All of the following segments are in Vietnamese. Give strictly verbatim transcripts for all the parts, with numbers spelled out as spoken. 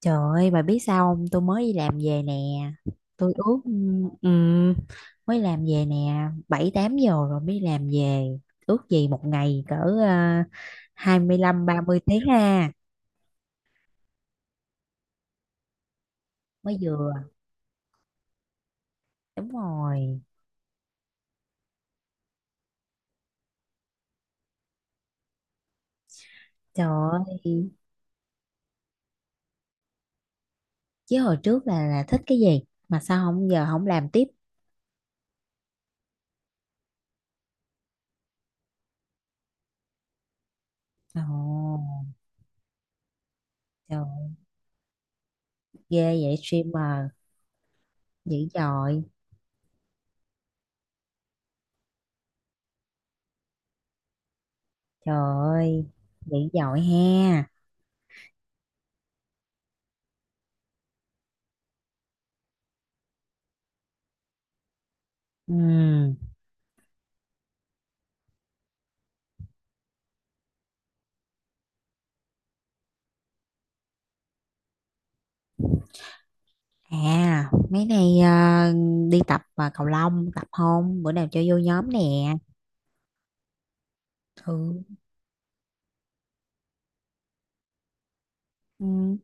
Trời ơi, bà biết sao không? Tôi mới đi làm về nè. Tôi ước, ừ, mới làm về nè, bảy tám giờ rồi mới đi làm về. Ước gì một ngày cỡ uh, hai mươi lăm ba mươi tiếng ha, mới vừa. Đúng rồi. Trời ơi, chứ hồi trước là là thích cái gì mà sao không giờ không làm tiếp. Ồ, trời ơi, ghê vậy streamer dữ dội. Trời ơi, dữ dội ha. Ừ. À, mấy nay à, đi tập à, cầu lông, tập không? Bữa nào chơi vô nhóm nè. Ừ. Ừ.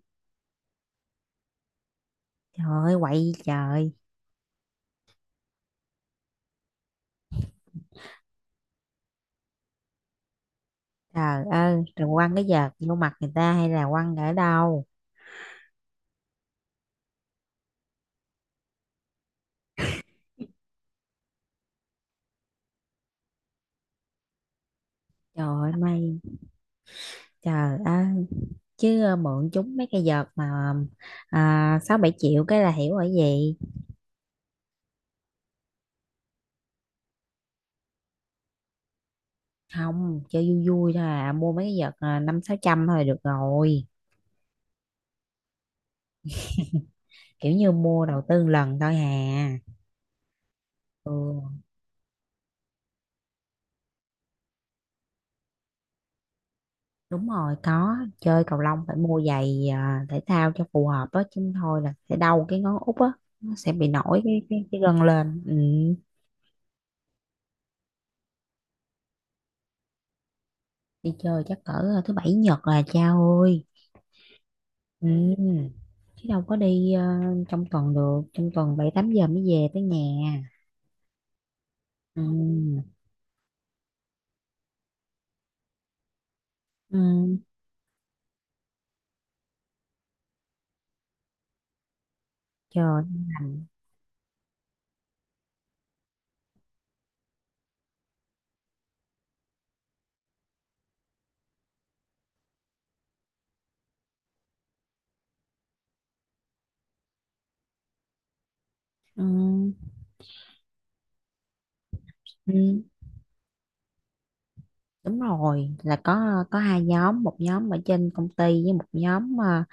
Trời ơi, quậy trời. Trời ơi, rồi quăng cái vợt vô mặt người ta hay là quăng ở đâu? Trời ơi, may. Trời ơi, chứ à, mượn chúng mấy cái vợt mà à, sáu bảy triệu cái là hiểu ở gì. Không, chơi vui vui thôi à, mua mấy cái vợt à, năm sáu trăm thôi được rồi. Kiểu như mua đầu tư lần thôi hà. Ừ. Đúng rồi, có chơi cầu lông phải mua giày à, thể thao cho phù hợp á chứ thôi là sẽ đau cái ngón út á, nó sẽ bị nổi cái cái, cái gân lên. Ừ. Đi chơi chắc cỡ à, thứ bảy nhật là cha ơi. Ừ. Chứ đâu có đi à, trong tuần được, trong tuần bảy tám giờ mới về tới nhà. Ừ. Ừ. Trời. Ừ. Ừ. Đúng rồi, là có có hai nhóm, một nhóm ở trên công ty với một nhóm mà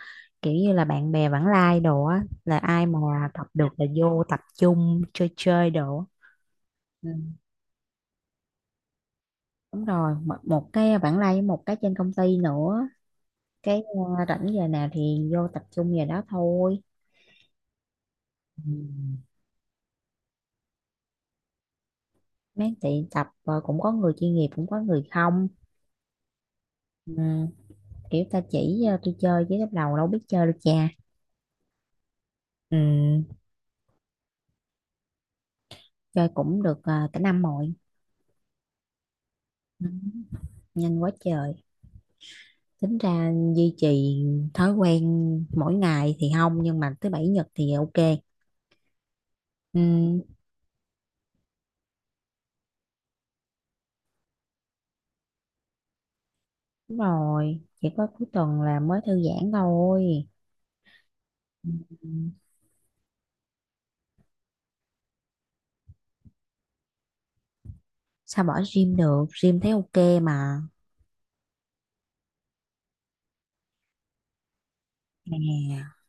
kiểu như là bạn bè vãng lai đồ á, là ai mà tập được là vô tập trung chơi chơi đồ á. Ừ, đúng rồi, một, một cái vãng lai với một cái trên công ty nữa. Cái, ờ, rảnh giờ nào thì vô tập trung giờ đó thôi. Ừ. Mấy tiệm tập, ờ, cũng có người chuyên nghiệp cũng có người không. Ừ, kiểu ta chỉ, ờ, tôi chơi chứ lúc đầu đâu biết chơi đâu cha. Ừ, chơi cũng được, ờ, cả năm rồi. Ừ. Nhanh quá trời, tính ra duy trì thói quen mỗi ngày thì không nhưng mà thứ bảy nhật thì ok. Ừ, đúng rồi, chỉ có cuối tuần là mới thư giãn thôi. Ừ, sao bỏ gym được, gym thấy ok mà nè.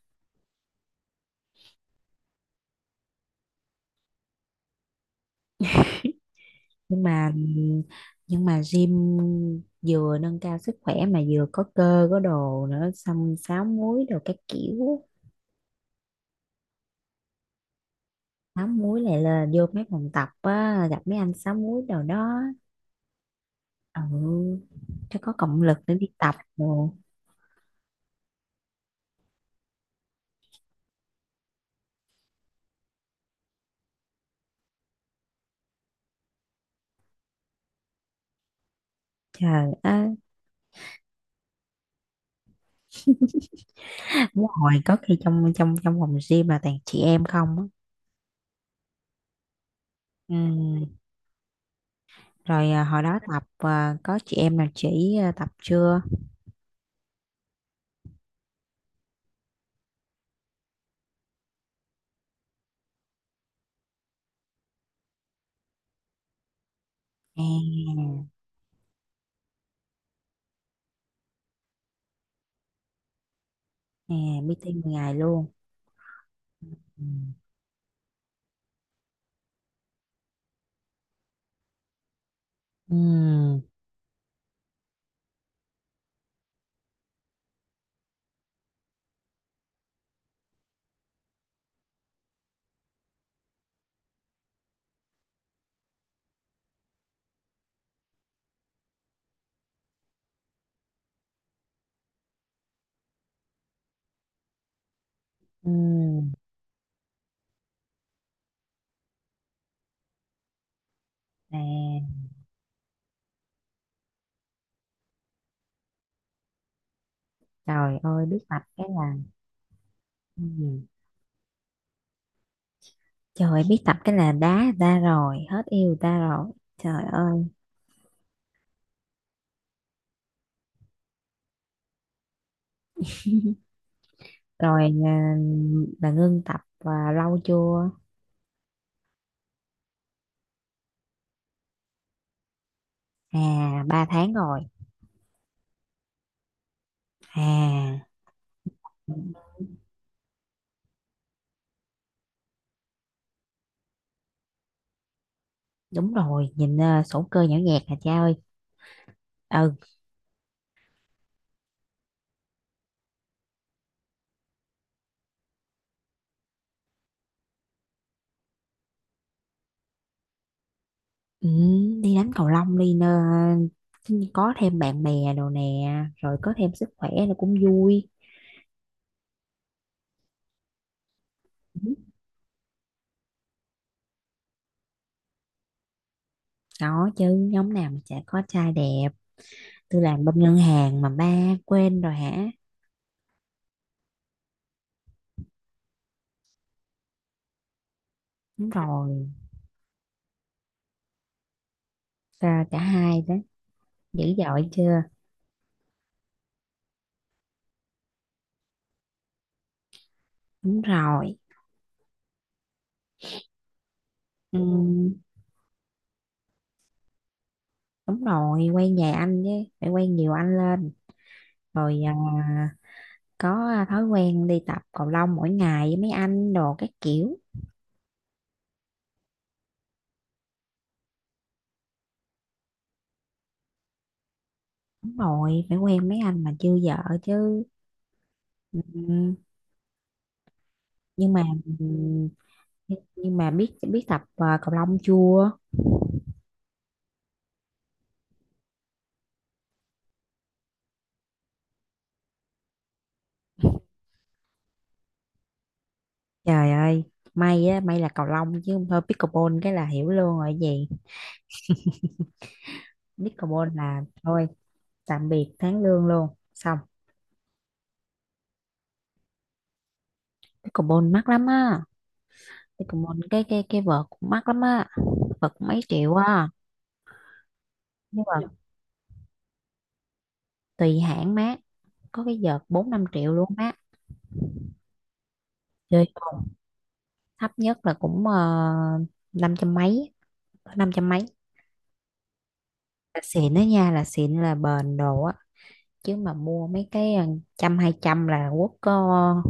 Nhưng mà, nhưng mà gym vừa nâng cao sức khỏe mà vừa có cơ có đồ nữa, xong sáu múi đồ các kiểu. Sáu múi lại là vô mấy phòng tập á, gặp mấy anh sáu múi đồ đó. Ừ, cho có động lực để đi tập đồ. Trời ơi. Đúng hồi có khi trong trong trong phòng gym là toàn chị em không á. Ừ. Rồi à, hồi đó tập à, có chị em nào chỉ à, tập chưa? À, à, meeting mười ngày luôn. Ừ. Ừ. Ừ. À, trời ơi, biết tập cái là. Ừ. Trời ơi, biết tập cái là đá người ta rồi, hết yêu người ta rồi. Trời ơi. Rồi à, là ngưng tập à, lâu chưa? À, ba tháng rồi à. Đúng rồi, nhìn, ờ, sổ cơ nhỏ nhẹt hả cha ơi. Ừ, ừ, đi đánh cầu lông đi nơ, có thêm bạn bè đồ nè, rồi có thêm sức khỏe nó cũng vui. Ừ, có chứ, nhóm nào mà chả có trai đẹp. Tôi làm bên ngân hàng mà ba quên rồi hả. Đúng rồi, à, cả hai đó, dữ dội chưa. Đúng rồi. Ừ, đúng rồi, quay nhà anh chứ, phải quay nhiều anh lên. Rồi à, có à, thói quen đi tập cầu lông mỗi ngày với mấy anh đồ các kiểu. Đúng rồi, phải quen mấy anh mà chưa vợ chứ. Ừ, nhưng mà. Ừ, nhưng mà biết biết tập à, cầu lông chưa. Trời ơi, may á, may là cầu lông chứ không thôi pickleball cái là hiểu luôn rồi gì. Pickleball là thôi tạm biệt tháng lương luôn, xong. Pickleball mắc lắm á, pickleball cái cái cái vợt cũng mắc lắm á. Vợt cũng mấy triệu á. Nhưng mà tùy hãng má, có cái vợt bốn năm triệu luôn má. Chơi thấp nhất là cũng uh, năm trăm mấy, có năm trăm mấy là xịn đó nha, là xịn là bền đồ á. Chứ mà mua mấy cái, ờ, trăm hai trăm là quất có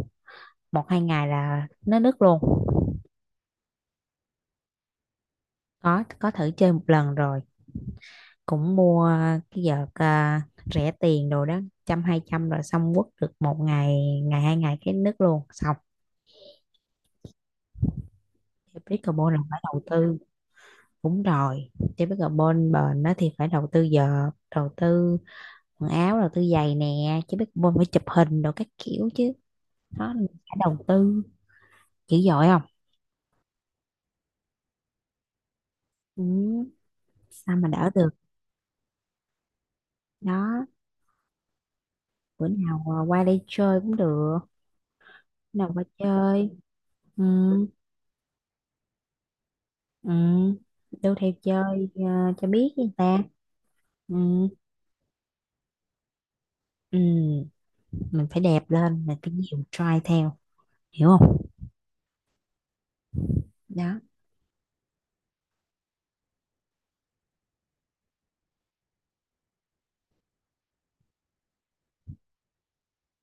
một hai ngày là nó nứt luôn. có có thử chơi một lần rồi, cũng mua cái vợt à, rẻ tiền đồ đó, trăm hai trăm rồi xong quất được một ngày, ngày hai ngày cái nứt luôn, xong. Chơi pickleball là phải đầu tư. Đúng rồi, chơi pickleball bền đó thì phải đầu tư vợt, đầu tư quần áo rồi tôi giày nè, chứ biết bôn phải chụp hình đồ các kiểu chứ, nó phải đầu tư dữ dội không. Ừ, sao mà đỡ được. Đó, bữa nào à, qua đây chơi cũng được. Bữa nào qua chơi. Ừ. Ừ. Đâu theo chơi à, cho biết với người ta. Ừ. Ừ. Mình phải đẹp lên, mình phải nhiều try theo, hiểu không. Đó.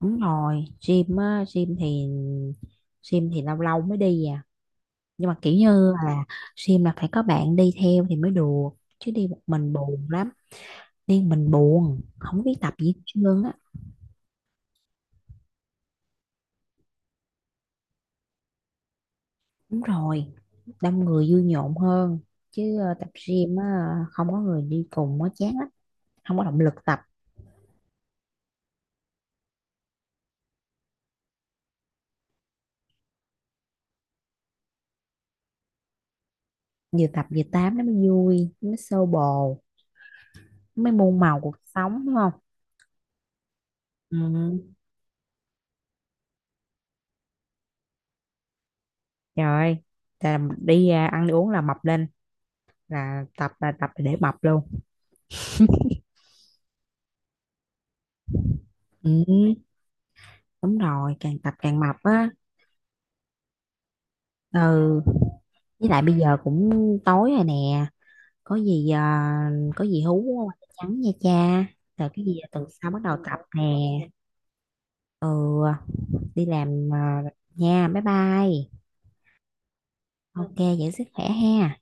Đúng rồi, gym á, gym thì gym thì lâu lâu mới đi à, nhưng mà kiểu như là gym là phải có bạn đi theo thì mới được, chứ đi một mình buồn lắm. Đi một mình buồn không biết tập gì hết trơn á. Đúng rồi, đông người vui nhộn hơn, chứ ờ, tập gym á không có người đi cùng á chán lắm, không có động lực tập. Vừa tập vừa tám nó mới vui, nó mới xô bồ, nó mới muôn màu cuộc sống đúng không. Ừ. Trời ơi, là đi à, ăn đi uống là mập lên, là tập là tập để mập luôn. Ừ. Đúng rồi, càng tập càng mập á. Ừ, với lại bây giờ cũng tối rồi nè, có gì à, có gì hú qua tin nhắn nha cha. Rồi cái gì tuần sau bắt đầu tập nè. Ừ, đi làm à, nha, bye bye. Ok, giữ sức khỏe ha.